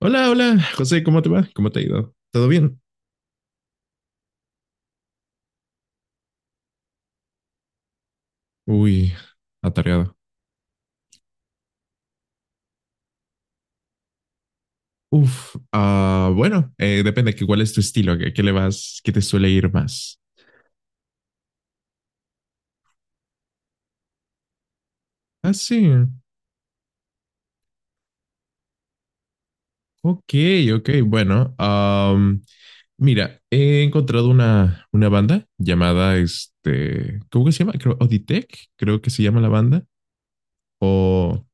Hola, hola, José, ¿cómo te va? ¿Cómo te ha ido? ¿Todo bien? Uy, atareado. Uf, ah, bueno, depende que cuál es tu estilo, qué le vas, qué te suele ir más. Ah, sí. Ok, ok, bueno. Mira, he encontrado una banda llamada, ¿cómo que se llama? Creo, Oditech, creo que se llama la banda. O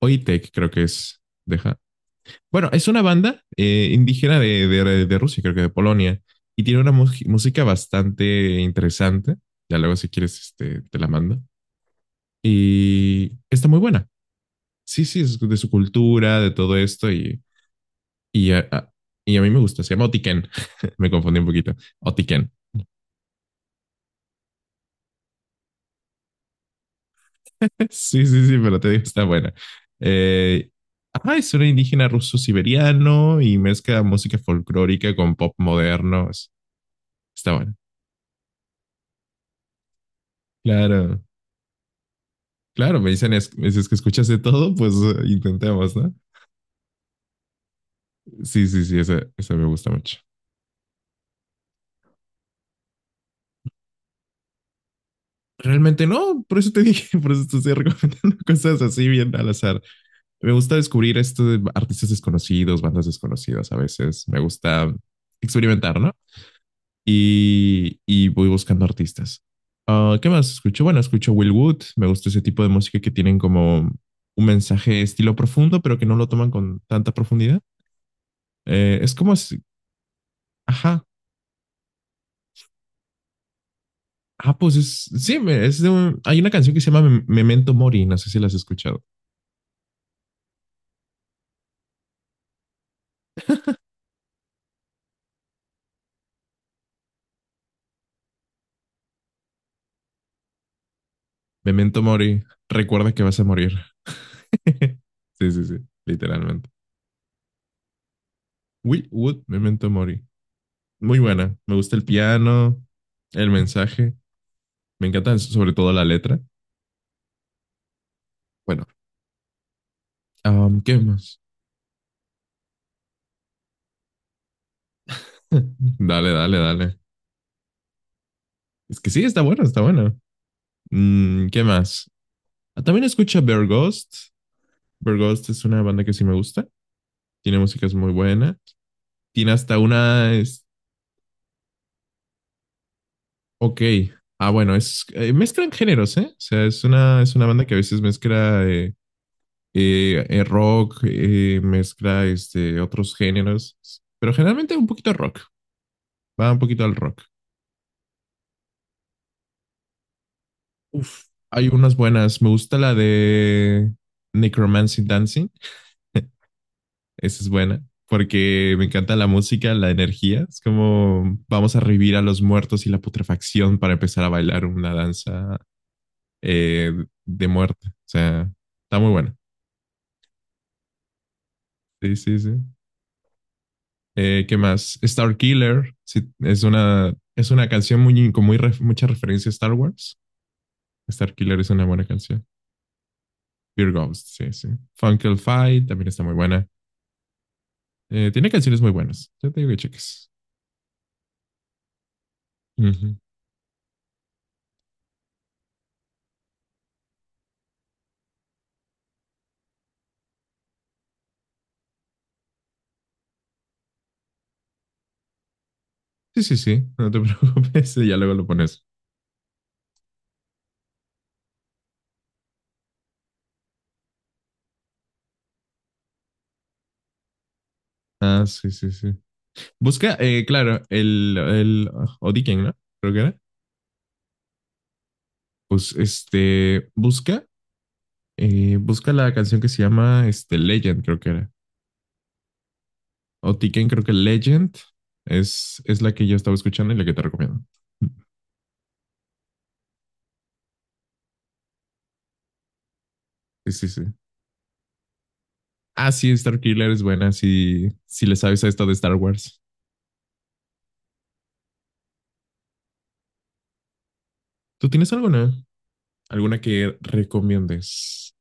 Oitech, creo que es. Deja. Bueno, es una banda indígena de Rusia, creo que de Polonia, y tiene una música bastante interesante. Ya luego, si quieres, te la mando. Y está muy buena. Sí, sí, es de su cultura, de todo esto, y, a, a- y a mí me gusta. Se llama Otiken. Me confundí un poquito. Otiken. Sí, sí, sí, pero te digo, está buena. Eh, ajá, es un indígena ruso-siberiano y mezcla música folclórica con pop moderno. Es- Está buena. Claro. Claro, me dicen, es, me dices que escuchas de todo, pues intentemos, ¿no? Sí, sí, sí, esa me gusta mucho. Realmente no, por eso te dije, por eso te estoy recomendando cosas así bien al azar. Me gusta descubrir esto de artistas desconocidos, bandas desconocidas a veces. Me gusta experimentar, ¿no? Y voy buscando artistas. Ah, ¿qué más escucho? Bueno, escucho Will Wood. Me gusta ese tipo de música que tienen como un mensaje estilo profundo, pero que no lo toman con tanta profundidad. Es como, si- ajá, ah, sí, es de hay una canción que se llama Memento Mori, no sé si la has escuchado. Memento Mori, recuerda que vas a morir. Sí, sí, sí, literalmente. Will Wood, Memento Mori. Muy buena, me gusta el piano, el mensaje, me encanta sobre todo la letra. Bueno, ¿qué más? Dale, dale, dale. Es que sí, está bueno, está bueno. Mm, ¿qué más? Ah, también escucho Bear Ghost. Bear Ghost es una banda que sí me gusta, tiene músicas muy buenas. Tiene hasta una. Es- ok. Ah, bueno, es mezclan géneros, ¿eh? O sea, es una banda que a veces mezcla rock, mezcla otros géneros, pero generalmente un poquito rock. Va un poquito al rock. Uf, hay unas buenas. Me gusta la de Necromancy Dancing. Esa es buena. Porque me encanta la música, la energía. Es como vamos a revivir a los muertos y la putrefacción para empezar a bailar una danza eh, de muerte. O sea, está muy buena. Sí, sí, sí. ¿Qué más? Star Killer. Sí, es una canción muy, con muy mucha referencia a Star Wars. Star Killer es una buena canción. Fear Ghost, sí, sí. Funkle Fight también está muy buena. Tiene canciones muy buenas. Ya te digo que cheques. Ujú. Sí, sí, sí. No te preocupes. Ya luego lo pones. Ah, sí, sí, sí. Busca, claro, el Odiken, ¿no? Creo que era. Pues busca busca la canción que se llama Legend, creo que era. O Tiken, creo que Legend es la que yo estaba escuchando y la que te recomiendo. Sí, sí, sí. Ah, sí, Star Killer es buena si, si le sabes a esta de Star Wars. ¿Tú tienes alguna? ¿Alguna que recomiendes?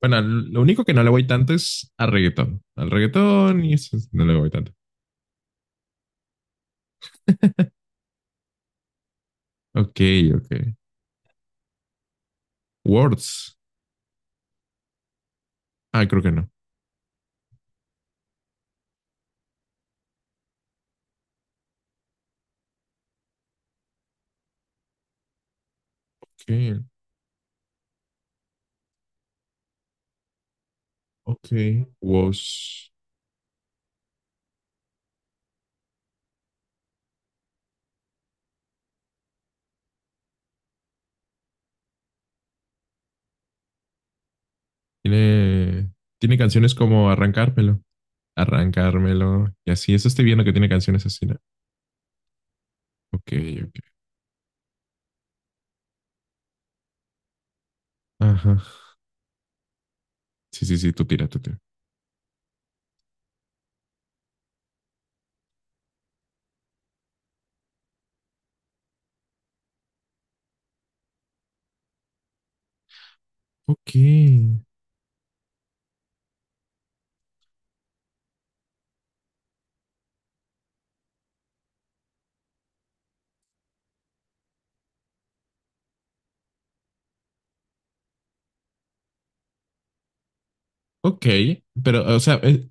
Bueno, lo único que no le voy tanto es al reggaetón. Al reggaetón y eso no le voy tanto. Ok, ok. Words. Ah, creo que no. Ok, ok. Words. Tiene, tiene canciones como Arrancármelo. Arrancármelo y así. Eso estoy viendo que tiene canciones así. ¿No? Ok, ok. Ajá. Sí, sí, sí, tú tira, tú tira. Ok. Ok, pero, o sea,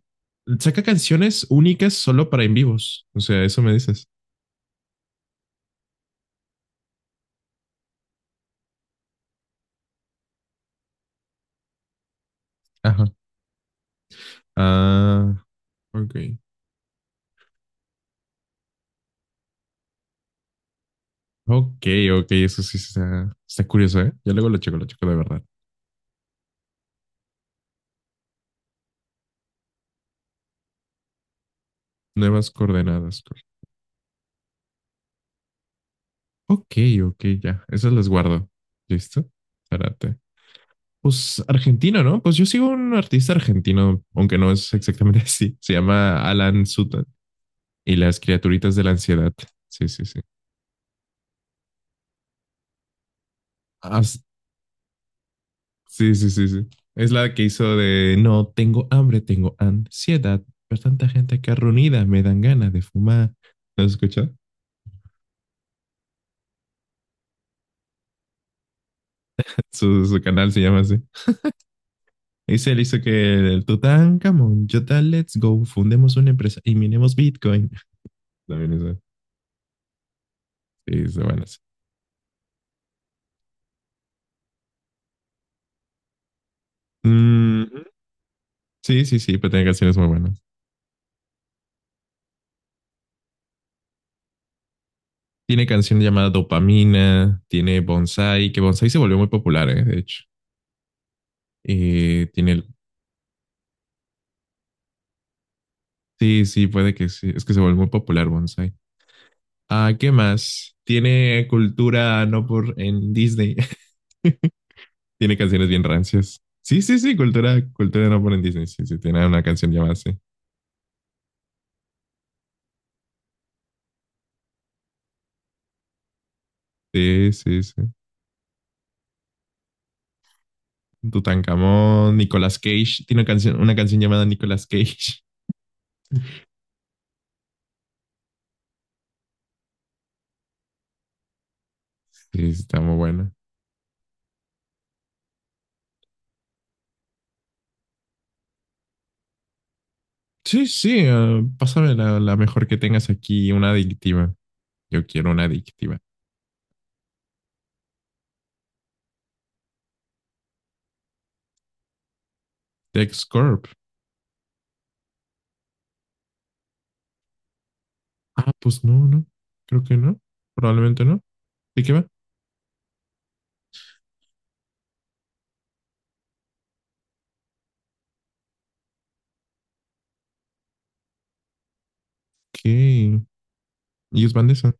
saca canciones únicas solo para en vivos. O sea, eso me dices. Ajá. Ah, ok. Ok, ok, eso sí está, está curioso, ¿eh? Yo luego lo checo de verdad. Nuevas coordenadas. Ok, ok, ya. Esas las guardo. ¿Listo? Espérate. Pues argentino, ¿no? Pues yo sigo un artista argentino, aunque no es exactamente así. Se llama Alan Sutton y las criaturitas de la ansiedad. Sí, sí, sí. Ah, s- sí, sí, sí, sí. Es la que hizo de no tengo hambre, tengo ansiedad. Pero tanta gente que reunida me dan ganas de fumar. ¿Lo has escuchado? Su canal se llama así. Dice, él hizo que el Tutankamón, Jota, let's go, fundemos una empresa y minemos Bitcoin. También eso. Sí, eso, bueno. Sí. Mm, sí, sí, sí, pero tiene canciones muy buenas. Tiene canción llamada Dopamina, tiene Bonsai, que Bonsai se volvió muy popular, de hecho. Tiene el... Sí, sí, puede que sí. Es que se volvió muy popular Bonsai. Ah, ¿qué más? Tiene cultura no por en Disney. Tiene canciones bien rancias. Sí, sí, sí, cultura, cultura no por en Disney. Sí, sí, tiene una canción llamada así. Sí, sí, sí. Tutankamón, Nicolas Cage. Tiene una canción llamada Nicolas Cage. Sí, está muy buena. Sí, sí, pásame la, la mejor que tengas aquí, una adictiva. Yo quiero una adictiva. TechScorp. Ah, pues no, no. Creo que no. Probablemente no. ¿De qué va? ¿Qué? Y es bandesa.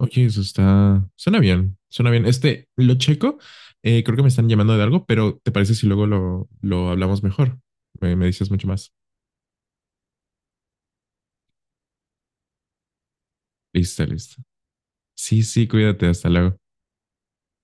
Oye, eso está. Suena bien. Suena bien. Este, lo checo. Creo que me están llamando de algo, pero ¿te parece si luego lo hablamos mejor? Me dices mucho más. Listo, listo. Sí, sí, cuídate. Hasta luego.